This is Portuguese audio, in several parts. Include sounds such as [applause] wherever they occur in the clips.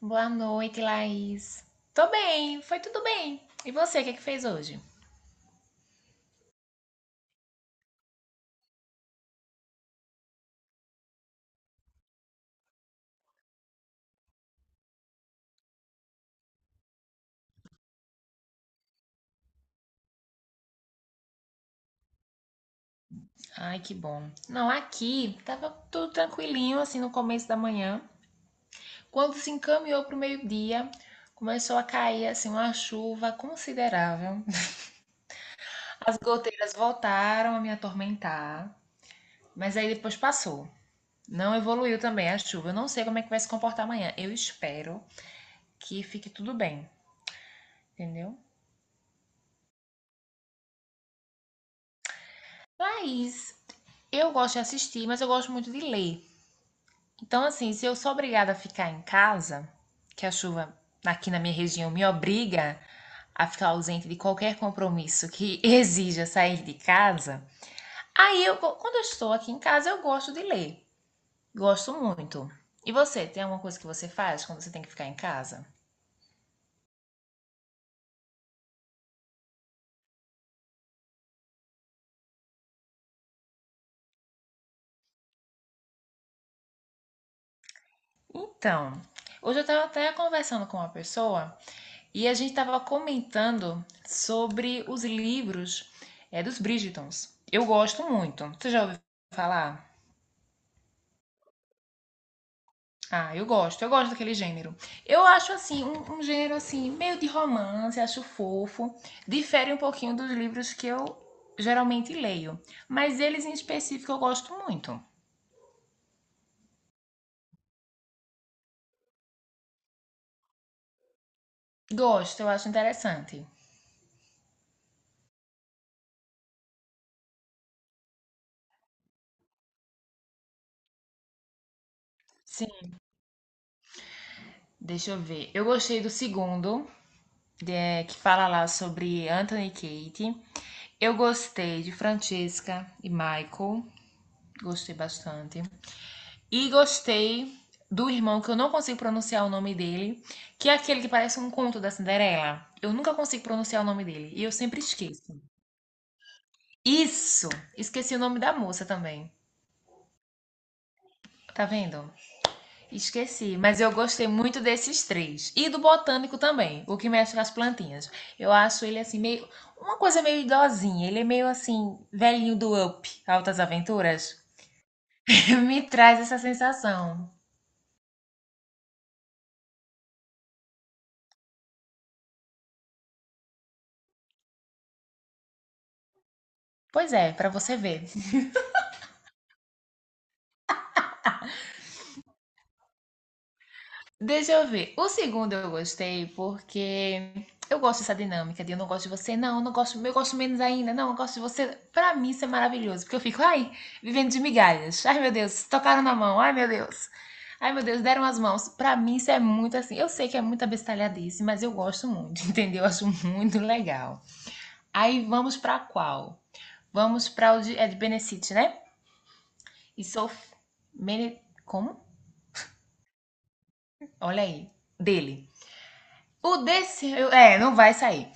Boa noite, Laís. Tô bem, foi tudo bem. E você, o que é que fez hoje? Ai, que bom. Não, aqui tava tudo tranquilinho, assim, no começo da manhã. Quando se encaminhou pro meio-dia, começou a cair, assim, uma chuva considerável. As goteiras voltaram a me atormentar, mas aí depois passou. Não evoluiu também a chuva. Eu não sei como é que vai se comportar amanhã. Eu espero que fique tudo bem, entendeu? Laís, eu gosto de assistir, mas eu gosto muito de ler. Então, assim, se eu sou obrigada a ficar em casa, que a chuva aqui na minha região me obriga a ficar ausente de qualquer compromisso que [laughs] exija sair de casa, aí quando eu estou aqui em casa, eu gosto de ler. Gosto muito. E você, tem alguma coisa que você faz quando você tem que ficar em casa? Então, hoje eu estava até conversando com uma pessoa e a gente estava comentando sobre os livros dos Bridgertons. Eu gosto muito. Você já ouviu falar? Ah, eu gosto daquele gênero. Eu acho assim, um gênero assim, meio de romance, acho fofo. Difere um pouquinho dos livros que eu geralmente leio. Mas eles em específico eu gosto muito. Gosto, eu acho interessante. Sim, deixa eu ver. Eu gostei do segundo, que fala lá sobre Anthony e Kate. Eu gostei de Francesca e Michael. Gostei bastante. E gostei do irmão, que eu não consigo pronunciar o nome dele, que é aquele que parece um conto da Cinderela. Eu nunca consigo pronunciar o nome dele e eu sempre esqueço. Isso! Esqueci o nome da moça também. Tá vendo? Esqueci. Mas eu gostei muito desses três. E do botânico também, o que mexe com as plantinhas. Eu acho ele assim, meio. Uma coisa meio idosinha. Ele é meio assim, velhinho do Up, Altas Aventuras. [laughs] Me traz essa sensação. Pois é, pra você ver. Deixa eu ver. O segundo eu gostei porque eu gosto dessa dinâmica de eu não gosto de você, não, eu não gosto, eu gosto menos ainda, não, eu gosto de você. Pra mim isso é maravilhoso, porque eu fico, ai, vivendo de migalhas. Ai, meu Deus, tocaram na mão. Ai, meu Deus. Ai, meu Deus, deram as mãos. Pra mim isso é muito assim. Eu sei que é muita bestalhadice, mas eu gosto muito, [laughs] entendeu? Eu acho muito legal. Aí vamos pra qual? Vamos pra o de, é de Benecite, né? E sou Mene... Como? Olha aí. Dele. O desse, é, não vai sair.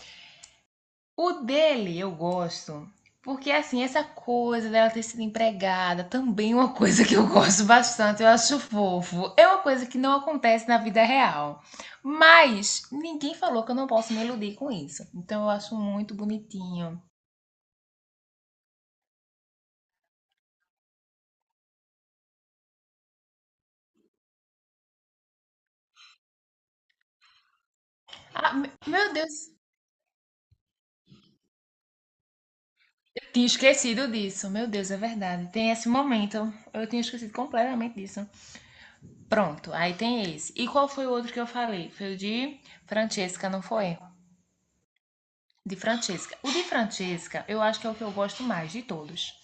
O dele eu gosto, porque assim, essa coisa dela ter sido empregada também é uma coisa que eu gosto bastante, eu acho fofo. É uma coisa que não acontece na vida real. Mas ninguém falou que eu não posso me iludir com isso. Então eu acho muito bonitinho. Ah, meu Deus, eu tinha esquecido disso. Meu Deus, é verdade. Tem esse momento. Eu tinha esquecido completamente disso. Pronto, aí tem esse. E qual foi o outro que eu falei? Foi o de Francesca, não foi? De Francesca. O de Francesca, eu acho que é o que eu gosto mais de todos.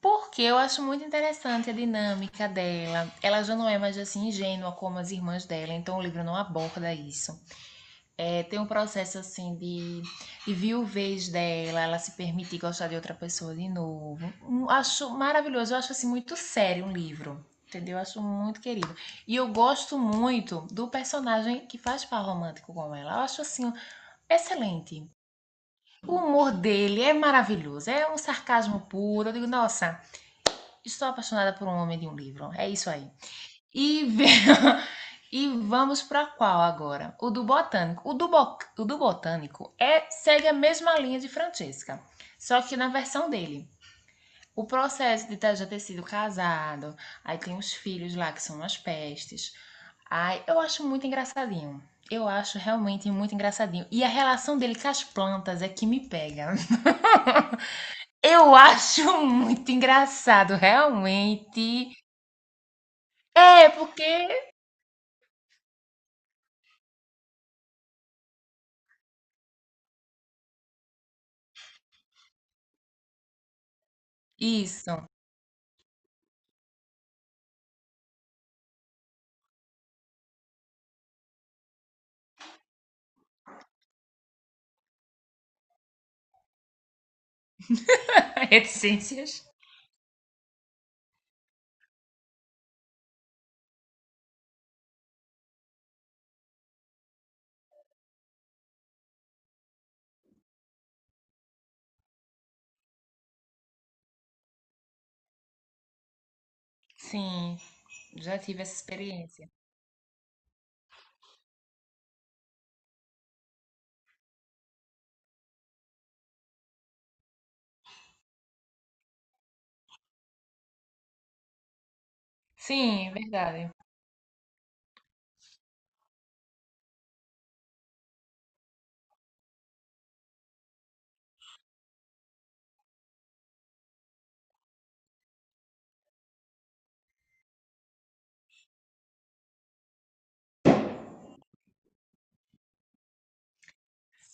Porque eu acho muito interessante a dinâmica dela. Ela já não é mais assim ingênua como as irmãs dela, então o livro não aborda isso. É, tem um processo assim de viuvez dela, ela se permitir gostar de outra pessoa de novo. Acho maravilhoso, eu acho assim muito sério um livro. Entendeu? Eu acho muito querido. E eu gosto muito do personagem que faz par romântico com ela. Eu acho assim excelente. O humor dele é maravilhoso, é um sarcasmo puro. Eu digo, nossa, estou apaixonada por um homem de um livro. É isso aí. E, [laughs] e vamos para qual agora? O do Botânico. O do Botânico é segue a mesma linha de Francesca, só que na versão dele. O processo de já ter sido casado, aí tem os filhos lá que são umas pestes. Ai, eu acho muito engraçadinho. Eu acho realmente muito engraçadinho. E a relação dele com as plantas é que me pega. Eu [laughs] acho muito engraçado, realmente. É, porque isso. [laughs] Reticências. Sim, já tive essa experiência. Sim, verdade.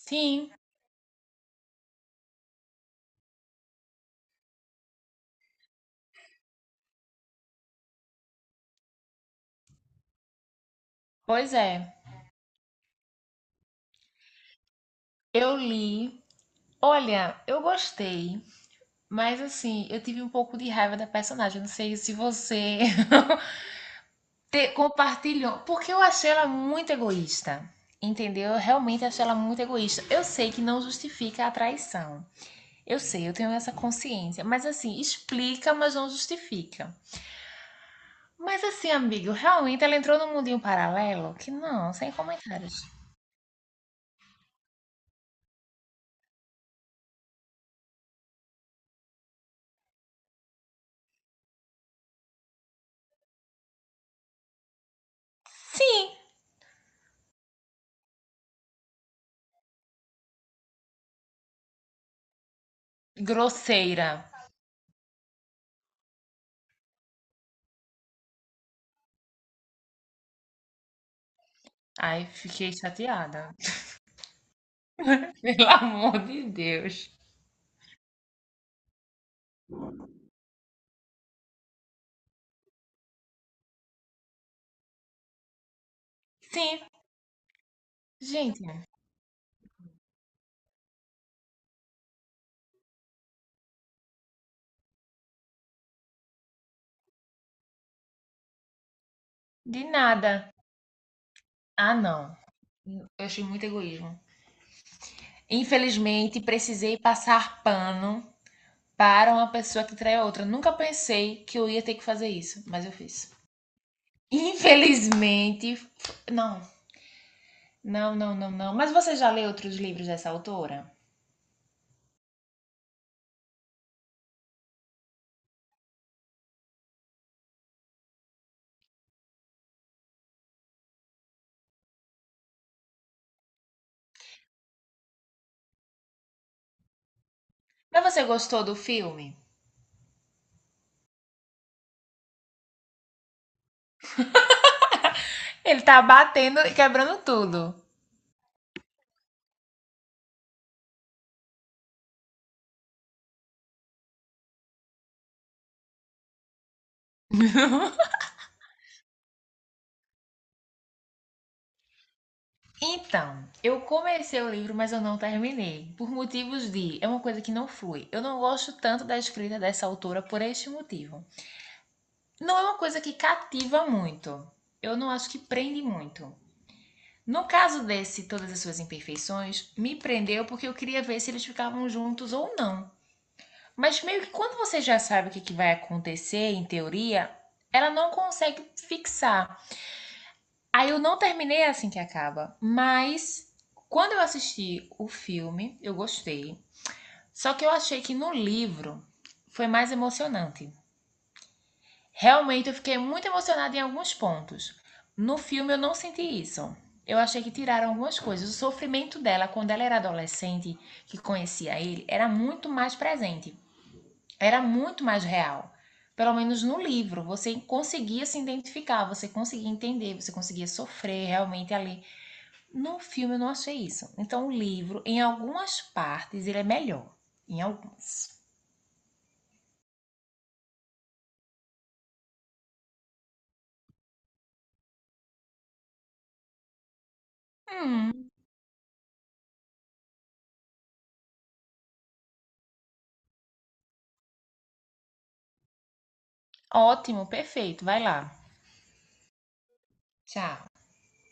Sim, pois é. Eu li. Olha, eu gostei, mas assim, eu tive um pouco de raiva da personagem. Não sei se você [laughs] compartilhou, porque eu achei ela muito egoísta. Entendeu? Eu realmente achei ela muito egoísta. Eu sei que não justifica a traição. Eu sei, eu tenho essa consciência. Mas assim, explica, mas não justifica. Mas assim, amigo, realmente ela entrou num mundinho paralelo que não, sem comentários. Sim, grosseira. Ai, fiquei chateada. [laughs] Pelo amor de Deus. Sim, gente, de nada. Ah, não. Eu achei muito egoísmo. Infelizmente, precisei passar pano para uma pessoa que traiu a outra. Nunca pensei que eu ia ter que fazer isso, mas eu fiz. Infelizmente, não, não, não, não, não. Mas você já leu outros livros dessa autora? Mas você gostou do filme? Ele tá batendo e quebrando tudo. Então, eu comecei o livro, mas eu não terminei, por motivos de. É uma coisa que não flui. Eu não gosto tanto da escrita dessa autora por este motivo. Não é uma coisa que cativa muito. Eu não acho que prende muito. No caso desse, Todas as Suas Imperfeições, me prendeu porque eu queria ver se eles ficavam juntos ou não. Mas meio que quando você já sabe o que, que vai acontecer, em teoria, ela não consegue fixar. Aí eu não terminei é assim que acaba. Mas quando eu assisti o filme, eu gostei. Só que eu achei que no livro foi mais emocionante. Realmente eu fiquei muito emocionada em alguns pontos. No filme eu não senti isso. Eu achei que tiraram algumas coisas. O sofrimento dela quando ela era adolescente, que conhecia ele, era muito mais presente. Era muito mais real. Pelo menos no livro, você conseguia se identificar, você conseguia entender, você conseguia sofrer realmente ali. No filme eu não achei isso. Então o livro, em algumas partes, ele é melhor. Em algumas. Hum, ótimo, perfeito. Vai lá. Tchau.